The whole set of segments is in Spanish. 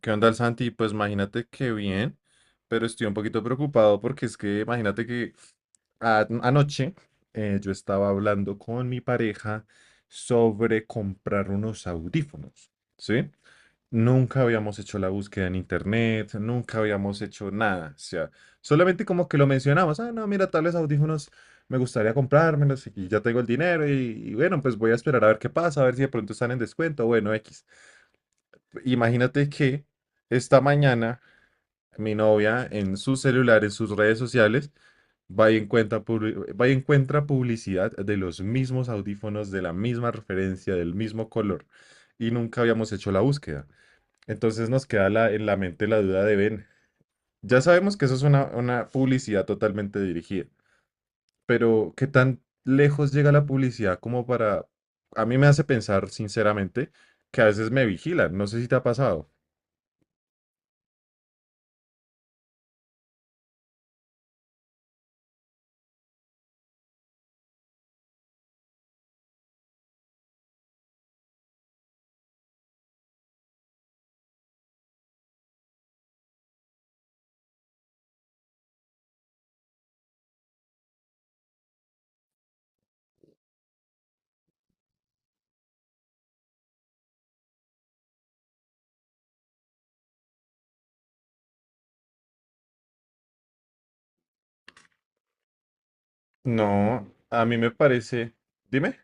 ¿Qué onda, el Santi? Pues imagínate que bien, pero estoy un poquito preocupado porque es que imagínate que anoche yo estaba hablando con mi pareja sobre comprar unos audífonos, ¿sí? Nunca habíamos hecho la búsqueda en internet, nunca habíamos hecho nada, o sea, solamente como que lo mencionamos, ah, no, mira, tales audífonos me gustaría comprármelos y ya tengo el dinero y bueno, pues voy a esperar a ver qué pasa, a ver si de pronto están en descuento, bueno, X. Imagínate que esta mañana mi novia en su celular, en sus redes sociales, va y encuentra, va y encuentra publicidad de los mismos audífonos, de la misma referencia, del mismo color, y nunca habíamos hecho la búsqueda. Entonces nos queda en la mente la duda de Ben. Ya sabemos que eso es una publicidad totalmente dirigida, pero ¿qué tan lejos llega la publicidad como para... A mí me hace pensar, sinceramente, que a veces me vigilan. No sé si te ha pasado. No, a mí me parece... Dime.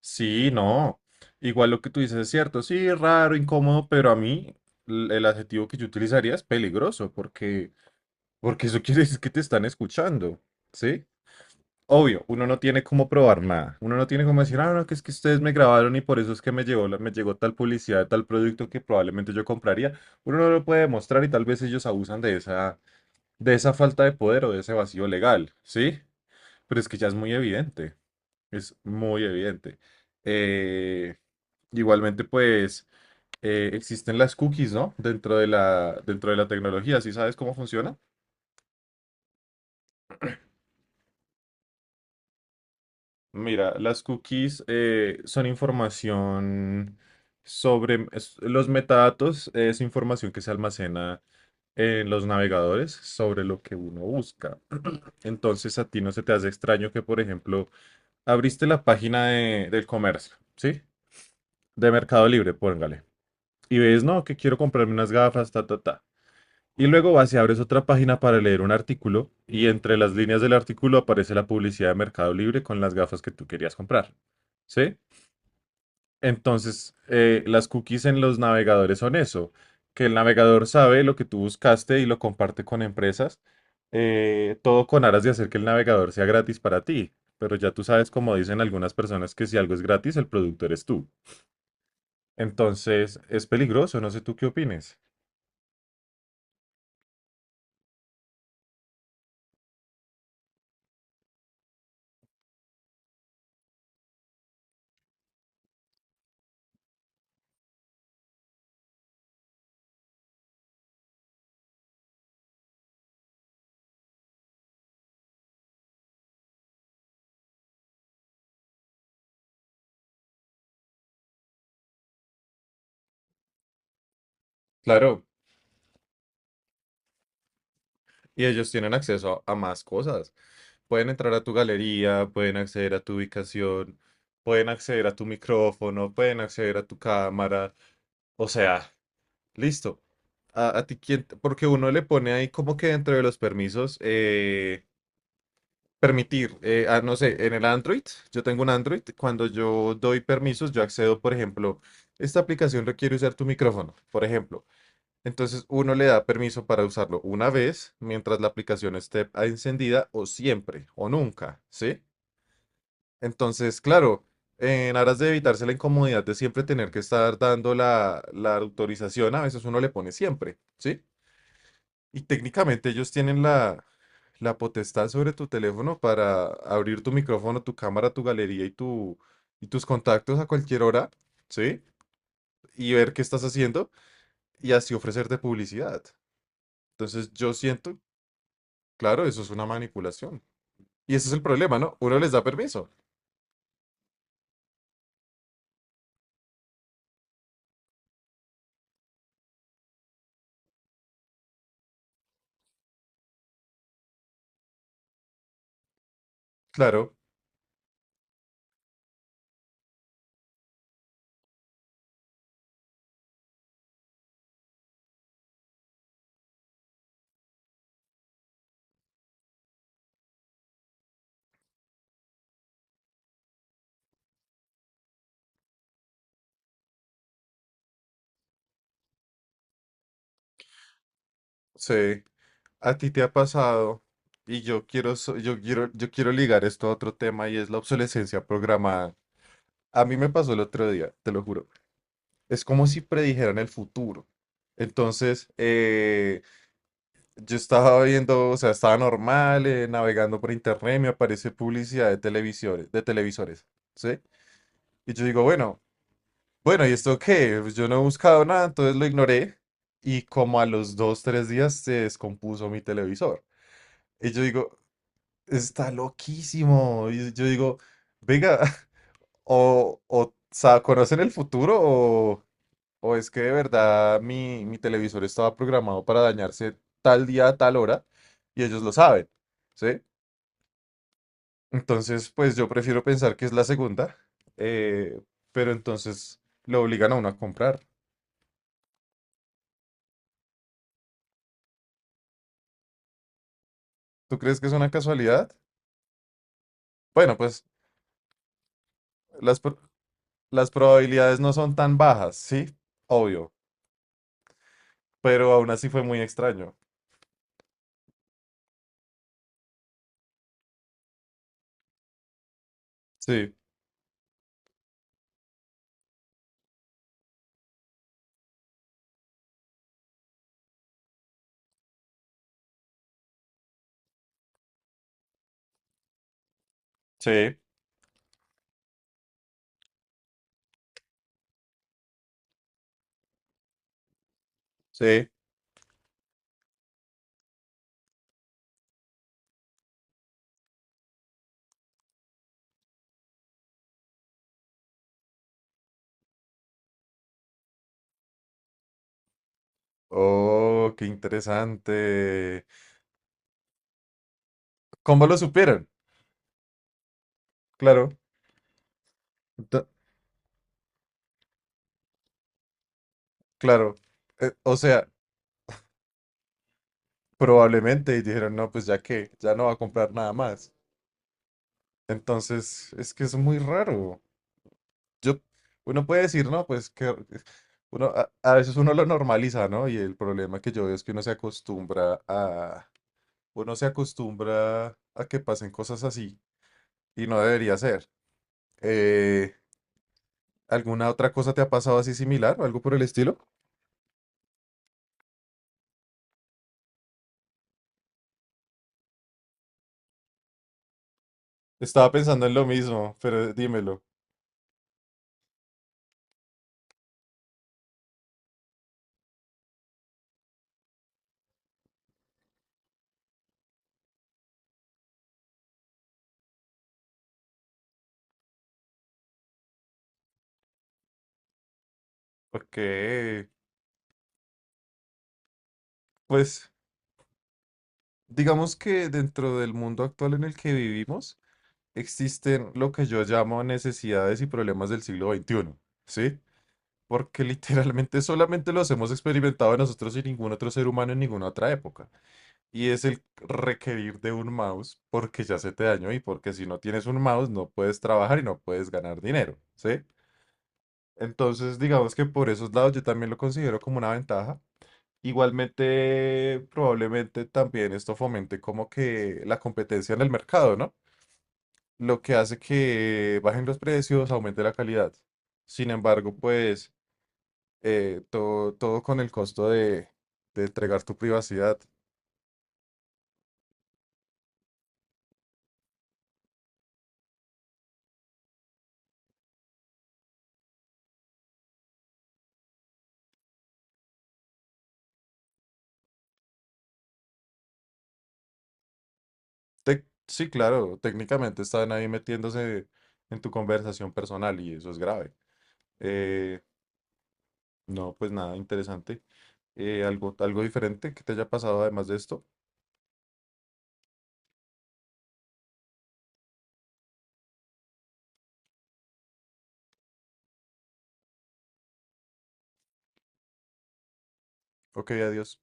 Sí, no. Igual lo que tú dices es cierto. Sí, raro, incómodo, pero a mí el adjetivo que yo utilizaría es peligroso, porque eso quiere decir que te están escuchando, ¿sí? Obvio, uno no tiene cómo probar nada. Uno no tiene cómo decir, ah, no, que es que ustedes me grabaron y por eso es que me llegó, me llegó tal publicidad de tal producto que probablemente yo compraría. Uno no lo puede demostrar y tal vez ellos abusan de de esa falta de poder o de ese vacío legal, ¿sí? Pero es que ya es muy evidente. Es muy evidente. Eh, Igualmente, pues existen las cookies, ¿no? Dentro de dentro de la tecnología, ¿sí sabes cómo funciona? Mira, las cookies son información sobre los metadatos, es información que se almacena en los navegadores sobre lo que uno busca. Entonces, a ti no se te hace extraño que, por ejemplo, abriste la página del comercio, ¿sí? De Mercado Libre, póngale. Y ves, no, que quiero comprarme unas gafas, ta, ta, ta. Y luego vas y abres otra página para leer un artículo y entre las líneas del artículo aparece la publicidad de Mercado Libre con las gafas que tú querías comprar. ¿Sí? Entonces, las cookies en los navegadores son eso, que el navegador sabe lo que tú buscaste y lo comparte con empresas, todo con aras de hacer que el navegador sea gratis para ti. Pero ya tú sabes, como dicen algunas personas, que si algo es gratis, el producto eres tú. Entonces, es peligroso, no sé tú qué opines. Claro, y ellos tienen acceso a más cosas. Pueden entrar a tu galería, pueden acceder a tu ubicación, pueden acceder a tu micrófono, pueden acceder a tu cámara. O sea, listo. A ti porque uno le pone ahí como que dentro de los permisos, permitir, no sé, en el Android, yo tengo un Android, cuando yo doy permisos, yo accedo, por ejemplo, esta aplicación requiere usar tu micrófono, por ejemplo. Entonces uno le da permiso para usarlo una vez mientras la aplicación esté encendida o siempre o nunca, ¿sí? Entonces, claro, en aras de evitarse la incomodidad de siempre tener que estar dando la autorización, a veces uno le pone siempre, ¿sí? Y técnicamente ellos tienen la potestad sobre tu teléfono para abrir tu micrófono, tu cámara, tu galería y y tus contactos a cualquier hora, ¿sí? Y ver qué estás haciendo y así ofrecerte publicidad. Entonces, yo siento, claro, eso es una manipulación. Y ese es el problema, ¿no? Uno les da permiso. Claro, sí. A ti te ha pasado, y yo quiero, yo quiero, yo quiero ligar esto a otro tema y es la obsolescencia programada. A mí me pasó el otro día, te lo juro. Es como si predijeran el futuro. Entonces, yo estaba viendo, o sea, estaba normal, navegando por internet, me aparece publicidad de televisores, ¿sí? Y yo digo, bueno, bueno, ¿y esto qué? Pues yo no he buscado nada, entonces lo ignoré. Y como a los dos, tres días se descompuso mi televisor. Y yo digo, está loquísimo. Y yo digo, venga, o sea, ¿conocen el futuro o es que de verdad mi televisor estaba programado para dañarse tal día, a tal hora? Y ellos lo saben, ¿sí? Entonces, pues yo prefiero pensar que es la segunda, eh, pero entonces lo obligan a uno a comprar. ¿Tú crees que es una casualidad? Bueno, pues las, pro- las probabilidades no son tan bajas, ¿sí? Obvio, pero aún así fue muy extraño. Sí. Sí. Sí. Oh, qué interesante. ¿Cómo lo supieron? Claro, ento- claro. O sea, probablemente y dijeron, no, pues ya que, ya no va a comprar nada más. Entonces, es que es muy raro. Yo, uno puede decir, no, pues que uno, a veces uno lo normaliza, ¿no? Y el problema que yo veo es que uno se acostumbra a, uno se acostumbra a que pasen cosas así y no debería ser. Eh, ¿Alguna otra cosa te ha pasado así similar o algo por el estilo? Estaba pensando en lo mismo, pero dímelo. Ok, pues digamos que dentro del mundo actual en el que vivimos existen lo que yo llamo necesidades y problemas del siglo 21, ¿sí? porque literalmente solamente los hemos experimentado nosotros y ningún otro ser humano en ninguna otra época. Y es el requerir de un mouse porque ya se te dañó y porque si no tienes un mouse no puedes trabajar y no puedes ganar dinero, ¿sí? Entonces, digamos que por esos lados yo también lo considero como una ventaja. Igualmente, probablemente también esto fomente como que la competencia en el mercado, ¿no? Lo que hace que bajen los precios, aumente la calidad. Sin embargo, pues todo con el costo de entregar tu privacidad. Sí, claro, técnicamente están ahí metiéndose en tu conversación personal y eso es grave. Eh, no, pues nada, interesante. Algo diferente que te haya pasado además de esto. Ok, adiós.